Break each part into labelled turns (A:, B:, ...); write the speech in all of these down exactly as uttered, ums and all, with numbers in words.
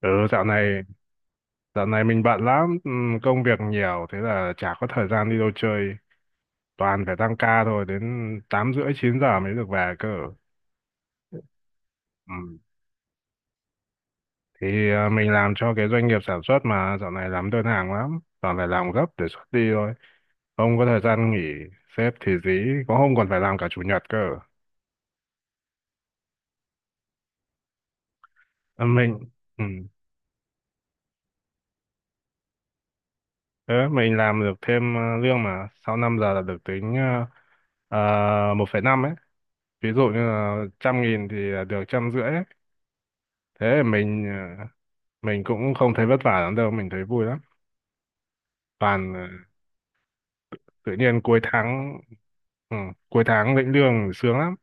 A: Ừ, dạo này dạo này mình bận lắm, ừm, công việc nhiều thế là chả có thời gian đi đâu chơi, toàn phải tăng ca thôi, đến tám rưỡi chín giờ mới được về cơ. Ừm, Thì à, mình làm cho cái doanh nghiệp sản xuất mà dạo này làm đơn hàng lắm, toàn phải làm gấp để xuất đi thôi, không có thời gian nghỉ, sếp thì dí, có hôm còn phải làm cả chủ nhật cơ. À, mình ừm, thế mình làm được thêm ờ, lương mà sau năm giờ là được tính uh, một phẩy năm ấy. Ví dụ như là trăm nghìn thì được trăm rưỡi. Thế mình ờ, mình cũng không thấy vất vả lắm đâu, mình thấy vui lắm. Toàn ờ, tự nhiên cuối tháng ừ, cuối tháng lĩnh lương sướng lắm,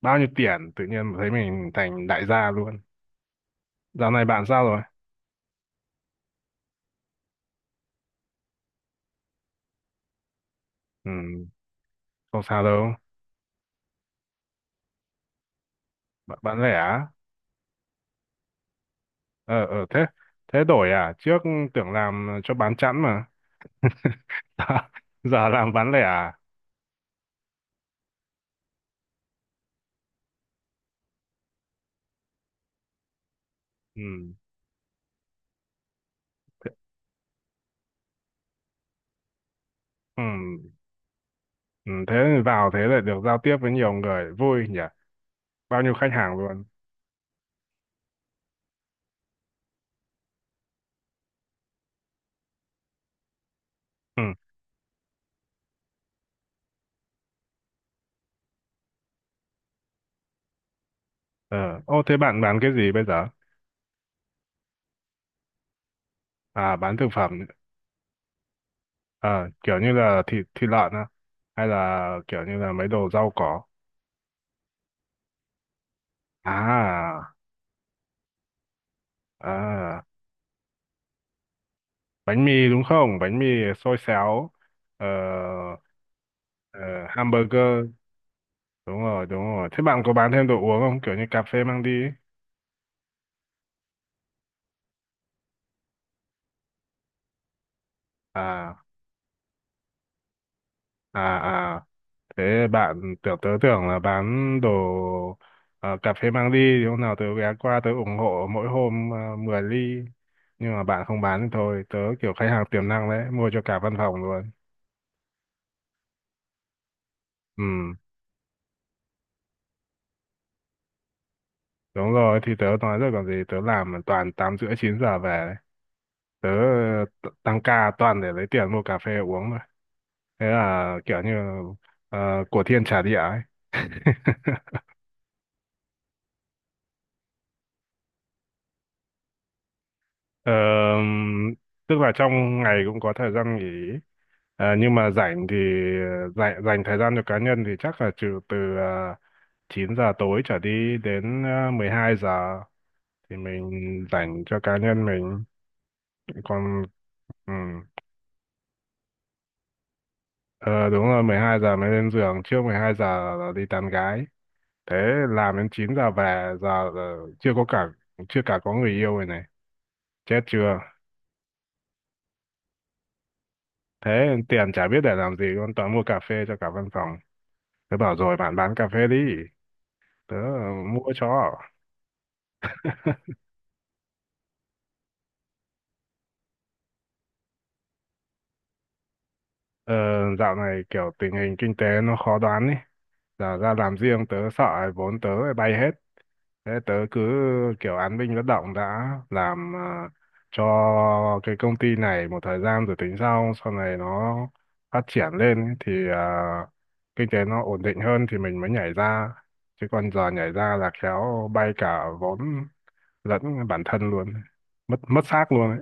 A: bao nhiêu tiền tự nhiên thấy mình thành đại gia luôn. Dạo này bạn sao rồi? Ừ, không sao đâu. Bạn, bạn lẻ á? ờ ờ thế thế đổi à? Trước tưởng làm cho bán chẵn mà. giờ, giờ làm bán lẻ à? Ừ, ừ, ừ, thế thì vào, thế lại được giao tiếp với nhiều người vui nhỉ, bao nhiêu khách hàng luôn. Ừ. Ờ, Ô thế bạn bán cái gì bây giờ? À, bán thực phẩm. à, kiểu như là thịt thịt lợn á, hay là kiểu như là mấy đồ rau cỏ. À, à bánh mì đúng không? Bánh mì xôi xéo, ờ, ờ, hamburger. Đúng rồi, đúng rồi. Thế bạn có bán thêm đồ uống không? Kiểu như cà phê mang đi ấy. À, à, à. Thế bạn tưởng tớ tưởng là bán đồ ờ, cà phê mang đi thì hôm nào tớ ghé qua tớ ủng hộ mỗi hôm uh, mười ly, nhưng mà bạn không bán thì thôi, tớ kiểu khách hàng tiềm năng đấy mua cho cả văn phòng luôn. Ừ, đúng rồi thì tớ nói rồi còn gì, tớ làm toàn tám rưỡi chín giờ về đấy. Tớ ờ, t- tăng ca toàn để lấy tiền mua cà phê uống mà. Thế là kiểu như ờ, của thiên trả địa ấy. Ờ, tức là trong ngày cũng có thời gian nghỉ. Ờ, nhưng mà rảnh thì dành, dành thời gian cho cá nhân thì chắc là trừ từ uh, chín giờ tối trở đi đến ờ, mười hai giờ thì mình dành cho cá nhân mình còn. Ừ. Ờ, đúng rồi, mười hai giờ mới lên giường, trước mười hai giờ là đi tán gái. Thế làm đến chín giờ về, giờ là chưa có cả, chưa cả có người yêu rồi này, chết chưa? Thế tiền chả biết để làm gì luôn, toàn mua cà phê cho cả văn phòng. Tớ bảo rồi bạn bán cà phê đi. Tớ ờ, mua cho. Ờ, dạo này kiểu tình hình kinh tế nó khó đoán ý. Giờ ra làm riêng tớ sợ vốn tớ lại bay hết. Thế tớ cứ kiểu án binh bất động, đã làm ờ, cho cái công ty này một thời gian rồi tính sau. Sau này nó phát triển lên ý, thì ờ, kinh tế nó ổn định hơn thì mình mới nhảy ra. Chứ còn giờ nhảy ra là khéo bay cả vốn lẫn bản thân luôn. Mất mất xác luôn ấy.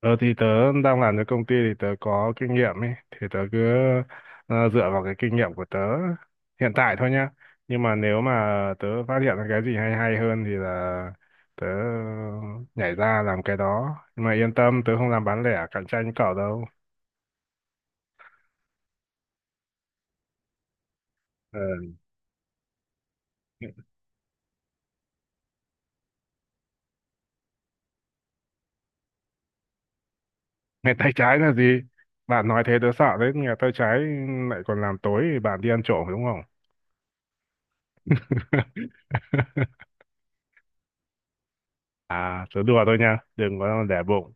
A: Ờ thì tớ đang làm cho công ty thì tớ có kinh nghiệm ấy, thì tớ cứ ờ, dựa vào cái kinh nghiệm của tớ hiện tại thôi nhá. Nhưng mà nếu mà tớ phát hiện ra cái gì hay hay hơn thì là tớ nhảy ra làm cái đó. Nhưng mà yên tâm, tớ không làm bán lẻ cạnh tranh cậu đâu. Ờ. Ngày tay trái là gì? Bạn nói thế tớ sợ đấy, nghề tay trái lại còn làm tối thì bạn đi ăn trộm đúng không? À, tớ đùa thôi nha, đừng có để bụng.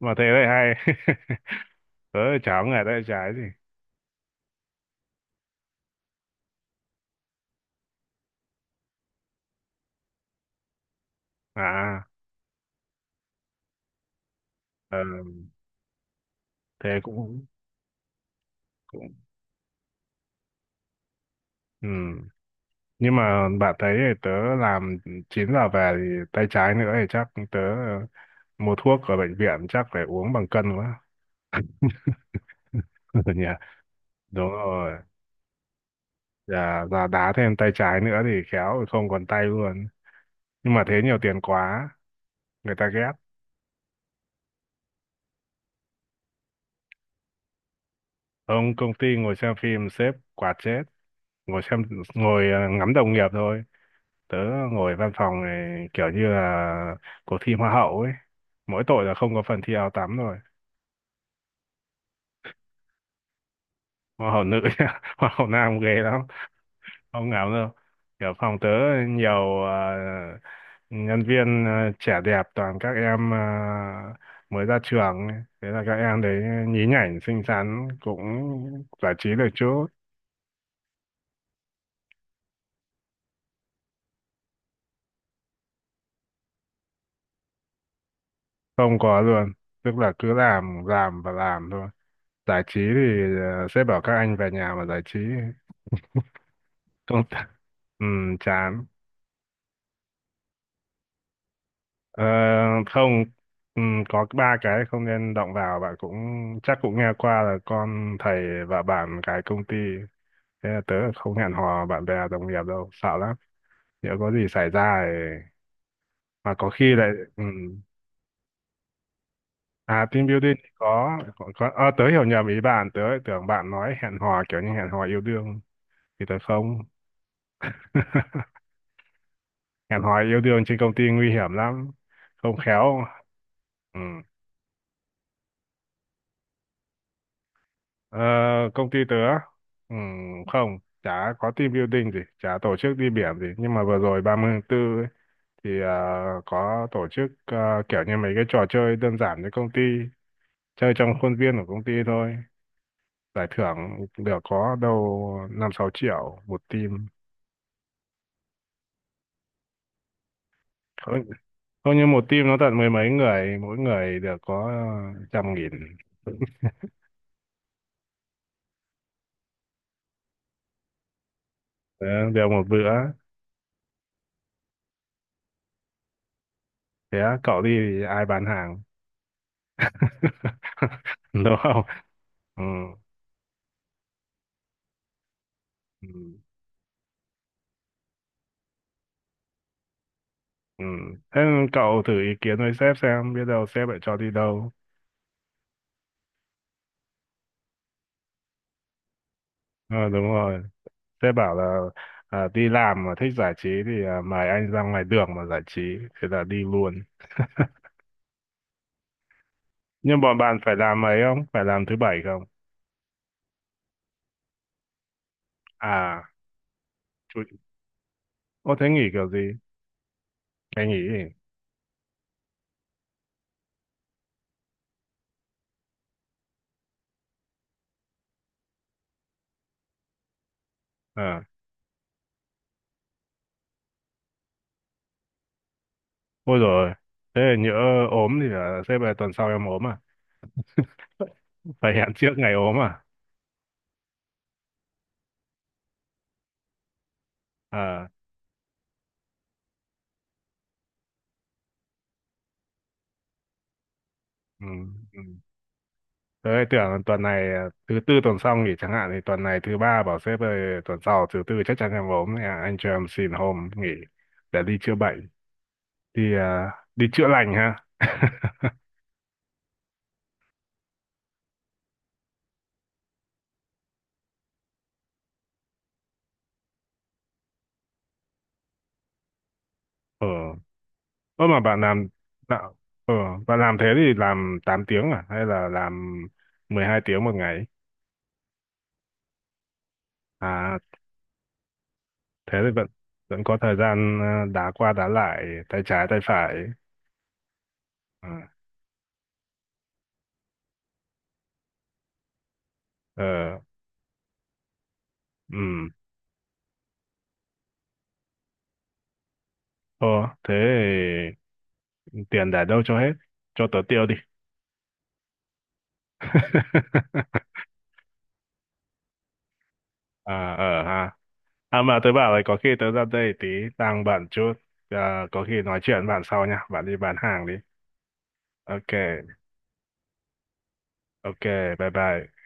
A: Mà thế lại hay. Tớ cháu người tay trái gì. à ờ, Thế cũng cũng. Ừ. Nhưng mà bạn thấy thì tớ làm chín giờ về thì tay trái nữa thì chắc tớ mua thuốc ở bệnh viện chắc phải uống bằng cân quá. Nhỉ. Đúng rồi, dạ dạ đá thêm tay trái nữa thì khéo không còn tay luôn. Nhưng mà thế nhiều tiền quá người ta ghét. Ông công ty ngồi xem phim sếp quạt chết. Ngồi xem ngồi ờ, ngắm đồng nghiệp thôi. Tớ ngồi văn phòng này kiểu như là cuộc thi hoa hậu ấy, mỗi tội là không có phần thi áo tắm rồi. Hoa hậu nữ nhá, hoa hậu nam ghê lắm, không ngáo đâu. Kiểu phòng tớ nhiều ờ, nhân viên ờ, trẻ đẹp, toàn các em ờ, mới ra trường ấy. Thế là các em đấy nhí nhảnh xinh xắn cũng giải trí được chút. Không có luôn, tức là cứ làm làm và làm thôi. Giải trí thì ờ, sếp bảo các anh về nhà mà giải trí. Không. Ừ, chán. Ờ, không, ừ, có ba cái không nên động vào, bạn cũng chắc cũng nghe qua là con thầy và bạn cái công ty. Thế là tớ không hẹn hò bạn bè đồng nghiệp đâu, sợ lắm, nếu có gì xảy ra thì... mà có khi lại. Ừ. À, team building thì có có, có... Ờ, tớ hiểu nhầm ý bạn, tớ lại tưởng bạn nói hẹn hò kiểu như hẹn hò yêu đương thì tớ không hẹn hò yêu đương trên công ty nguy hiểm lắm, không khéo. Ừ. Ờ, công ty tớ ừ, không chả có team building gì, chả tổ chức đi biển gì, nhưng mà vừa rồi ba bốn ấy, thì ờ, có tổ chức ờ, kiểu như mấy cái trò chơi đơn giản cho công ty chơi trong khuôn viên của công ty thôi. Giải thưởng được có đâu năm sáu triệu một team. Không, không, như một team nó tận mười mấy người, mỗi người được có trăm nghìn. Ờ, đều một bữa. Thế cậu đi thì ai bán hàng? Đúng không? Ừ. Ừ. Ừ. Thế cậu thử ý kiến với sếp xem biết đâu sếp lại cho đi đâu. Ờ đúng rồi. Sếp bảo là à, đi làm mà thích giải trí thì à, mời anh ra ngoài đường mà giải trí, thế là đi luôn. Nhưng bọn bạn phải làm ấy không? Phải làm thứ bảy không? À, chú... Ô thế nghỉ kiểu gì? Ngày nghỉ gì? À, ôi rồi. Thế là nhỡ ốm thì là sếp là tuần sau em ốm à? Phải hẹn trước ngày ốm à? À, ừ, ừ. Đấy, tưởng tuần này à, thứ tư tuần sau nghỉ chẳng hạn thì tuần này thứ ba bảo sếp ơi tuần sau thứ tư chắc chắn em ốm nên là anh cho em xin hôm nghỉ để đi chữa bệnh, đi à, đi chữa lành ha. ờ Ơ mà bạn làm bạn, ờ bạn làm thế thì làm tám tiếng à hay là làm mười hai tiếng một ngày? à Thế thì vẫn vẫn có thời gian à, đá qua đá lại tay trái tay phải. à, ờ ừ ờ Thế thì tiền để đâu cho hết? Cho tớ tiêu đi. à ờ ha À mà tớ bảo là có khi tớ ra đây tí, đang bận chút, à, có khi nói chuyện bạn sau nha, bạn đi bán hàng đi. Ok ok. Bye bye.